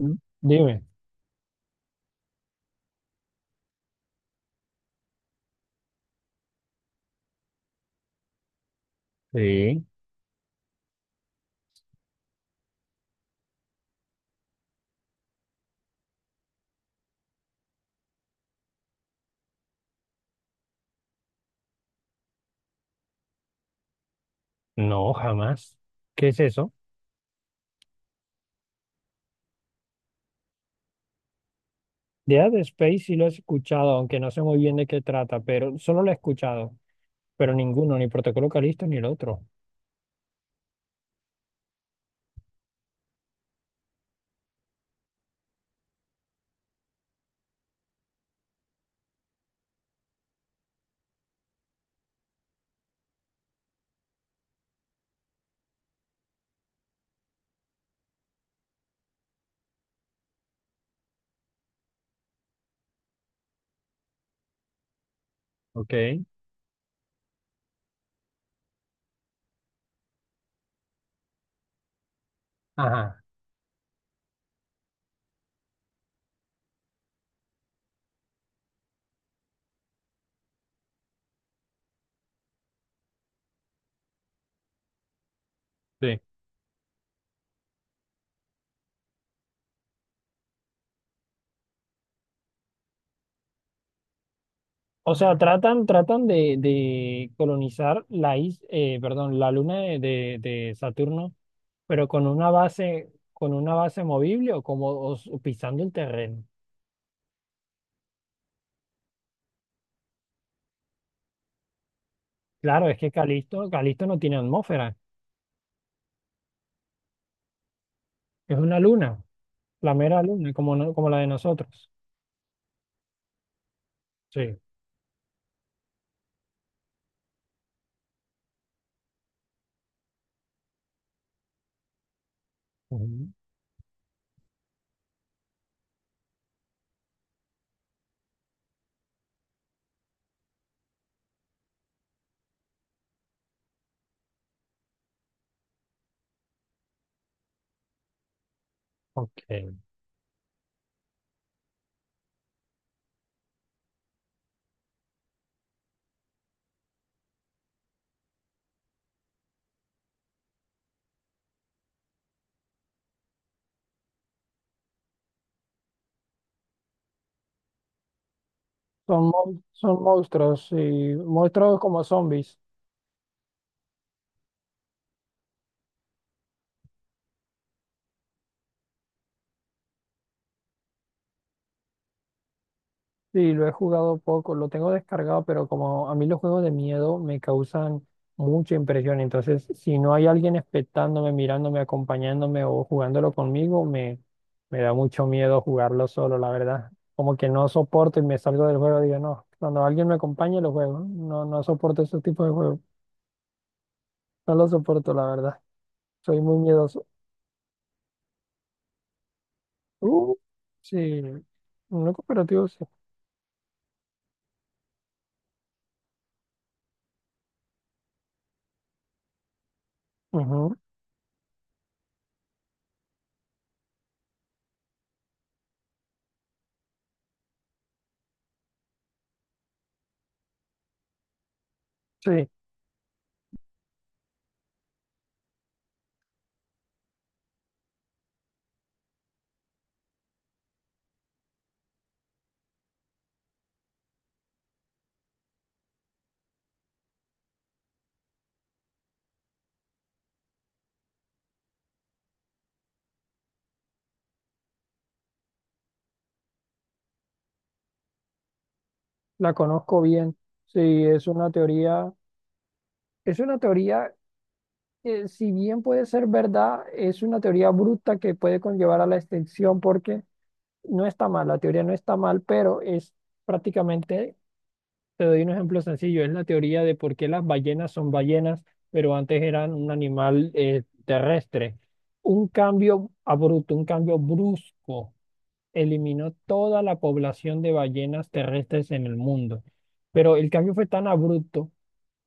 Mm. Dime. Sí, no, jamás. ¿Qué es eso? Dead Space sí lo he escuchado, aunque no sé muy bien de qué trata, pero solo lo he escuchado, pero ninguno, ni Protocolo Calisto ni el otro. Ok. Ajá, sí. O sea, tratan de colonizar perdón, la luna de Saturno, pero con una base movible o como pisando el terreno. Claro, es que Calisto no tiene atmósfera, es una luna. La mera luna, como, no- como la de nosotros. Sí. Ujú. Ok. Son monstruos, y monstruos como zombies. Sí, lo he jugado poco, lo tengo descargado, pero como a mí los juegos de miedo me causan mucha impresión, entonces si no hay alguien expectándome, mirándome, acompañándome o jugándolo conmigo, me da mucho miedo jugarlo solo, la verdad. Como que no soporto y me salgo del juego, digo, no, cuando alguien me acompañe lo juego, no, no soporto ese tipo de juegos, no lo soporto, la verdad. Soy muy miedoso. Uh, sí, una cooperativa, sí. Ujú. Sí, la conozco bien. Sí, es una teoría que si bien puede ser verdad, es una teoría bruta que puede conllevar a la extinción porque no está mal, la teoría no está mal, pero es prácticamente, te doy un ejemplo sencillo, es la teoría de por qué las ballenas son ballenas, pero antes eran un animal terrestre. Un cambio abrupto, un cambio brusco eliminó toda la población de ballenas terrestres en el mundo. Pero el cambio fue tan abrupto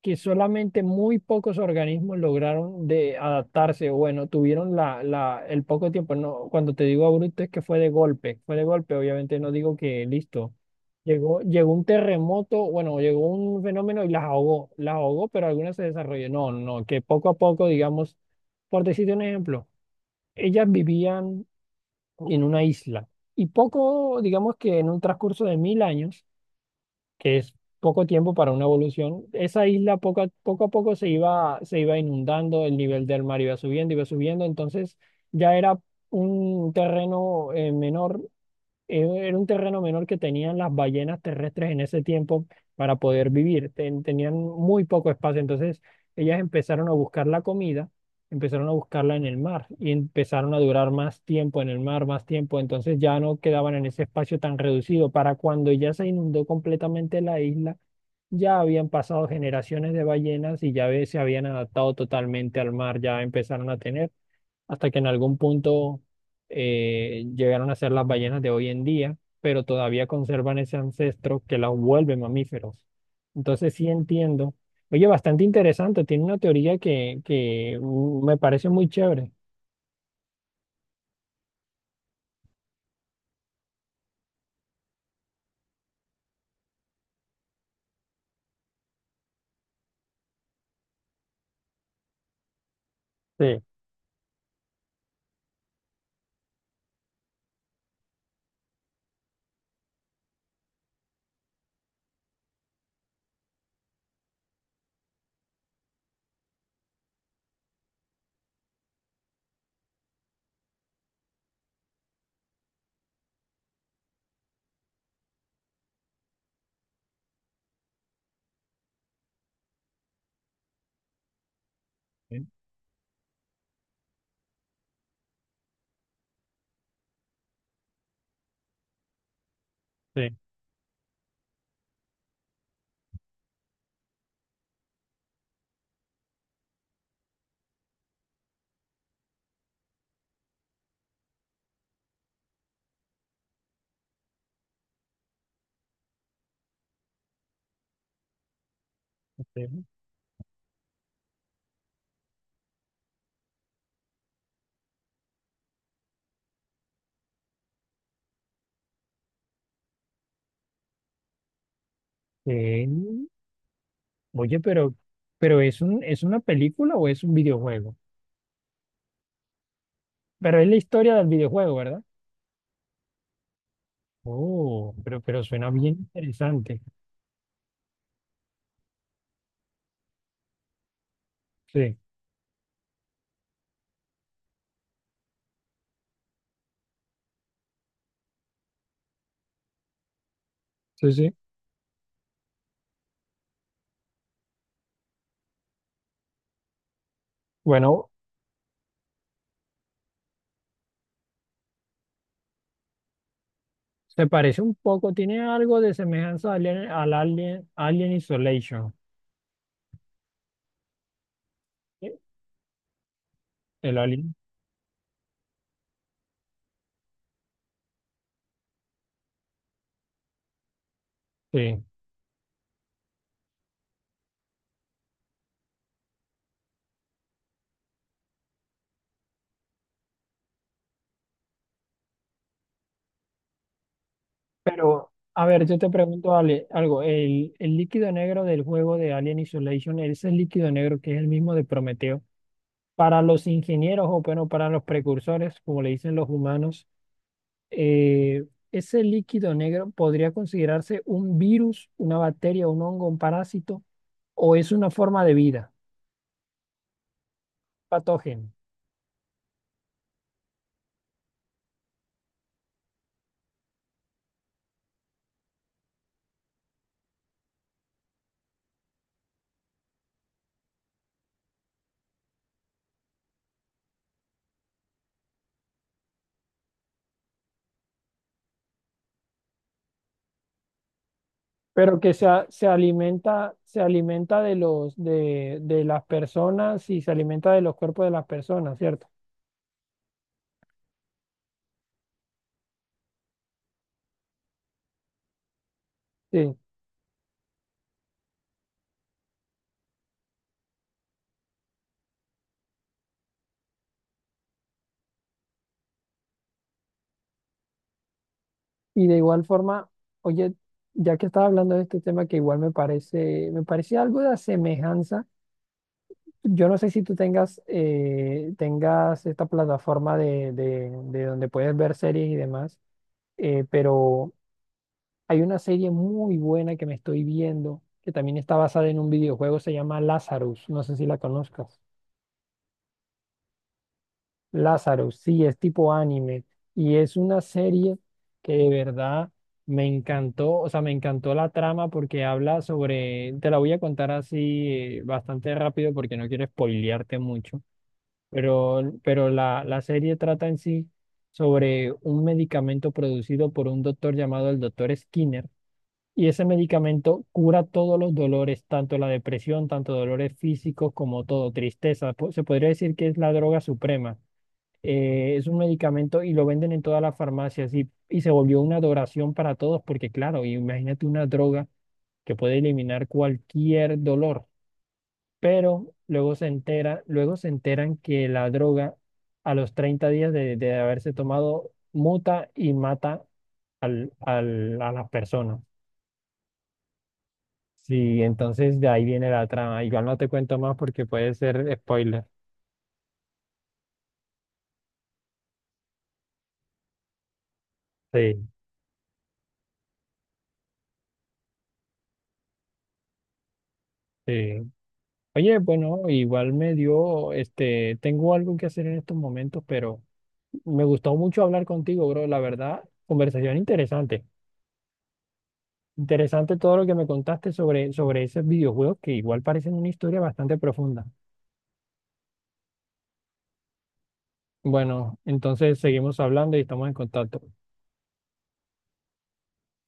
que solamente muy pocos organismos lograron de adaptarse, o bueno, tuvieron el poco tiempo. No, cuando te digo abrupto es que fue de golpe, obviamente no digo que listo. Llegó un terremoto, bueno, llegó un fenómeno y las ahogó, pero algunas se desarrolló. No, no, no, que poco a poco, digamos, por decirte un ejemplo, ellas vivían en una isla. Y poco, digamos que en un transcurso de 1000 años, que es poco tiempo para una evolución, esa isla poco a poco, a poco se iba inundando, el nivel del mar iba subiendo, entonces ya era un terreno menor era un terreno menor que tenían las ballenas terrestres en ese tiempo para poder vivir. Tenían muy poco espacio. Entonces, ellas empezaron a buscar la comida, empezaron a buscarla en el mar y empezaron a durar más tiempo en el mar, más tiempo. Entonces, ya no quedaban en ese espacio tan reducido. Para cuando ya se inundó completamente la isla, ya habían pasado generaciones de ballenas y se habían adaptado totalmente al mar, ya empezaron a tener hasta que en algún punto llegaron a ser las ballenas de hoy en día, pero todavía conservan ese ancestro que las vuelve mamíferos. Entonces sí entiendo. Oye, bastante interesante, tiene una teoría que, me parece muy chévere. Sí, sí, sí. Sí. Eh, oye, pero ¿es un, es una película o es un videojuego? Pero es la historia del videojuego, ¿verdad? Oh, pero suena bien interesante. Sí, sí, sí. Bueno, se parece un poco, tiene algo de semejanza al Alien, Alien Isolation. ¿Sí? El Alien, sí. Pero, a ver, yo te pregunto, Ale, algo. El líquido negro del juego de Alien Isolation, ese líquido negro que es el mismo de Prometeo, para los ingenieros o bueno, para los precursores, como le dicen los humanos, eh, ese líquido negro podría considerarse un virus, una bacteria, un hongo, un parásito, o es una forma de vida, patógeno. Pero que se alimenta de de las personas y se alimenta de los cuerpos de las personas, ¿cierto? Sí. Y de igual forma, oye, ya que estaba hablando de este tema que igual me parece algo de semejanza. Yo no sé si tú tengas, tengas esta plataforma de donde puedes ver series y demás, pero hay una serie muy buena que me estoy viendo, que también está basada en un videojuego, se llama Lazarus. No sé si la conozcas. Lázaro, sí, es tipo anime y es una serie que de verdad me encantó, o sea, me encantó la trama porque habla sobre, te la voy a contar así bastante rápido porque no quiero spoilearte mucho, pero la serie trata en sí sobre un medicamento producido por un doctor llamado el doctor Skinner y ese medicamento cura todos los dolores, tanto la depresión, tanto dolores físicos como todo, tristeza, se podría decir que es la droga suprema. Es un medicamento y lo venden en todas las farmacias y se volvió una adoración para todos porque claro, imagínate una droga que puede eliminar cualquier dolor, pero luego se entera, luego se enteran que la droga a los 30 días de haberse tomado muta y mata a las personas. Sí, entonces de ahí viene la trama. Igual no te cuento más porque puede ser spoiler. Sí, sí. Oye, bueno, igual me dio, este, tengo algo que hacer en estos momentos, pero me gustó mucho hablar contigo, bro. La verdad, conversación interesante. Interesante todo lo que me contaste sobre, sobre esos videojuegos que igual parecen una historia bastante profunda. Bueno, entonces seguimos hablando y estamos en contacto.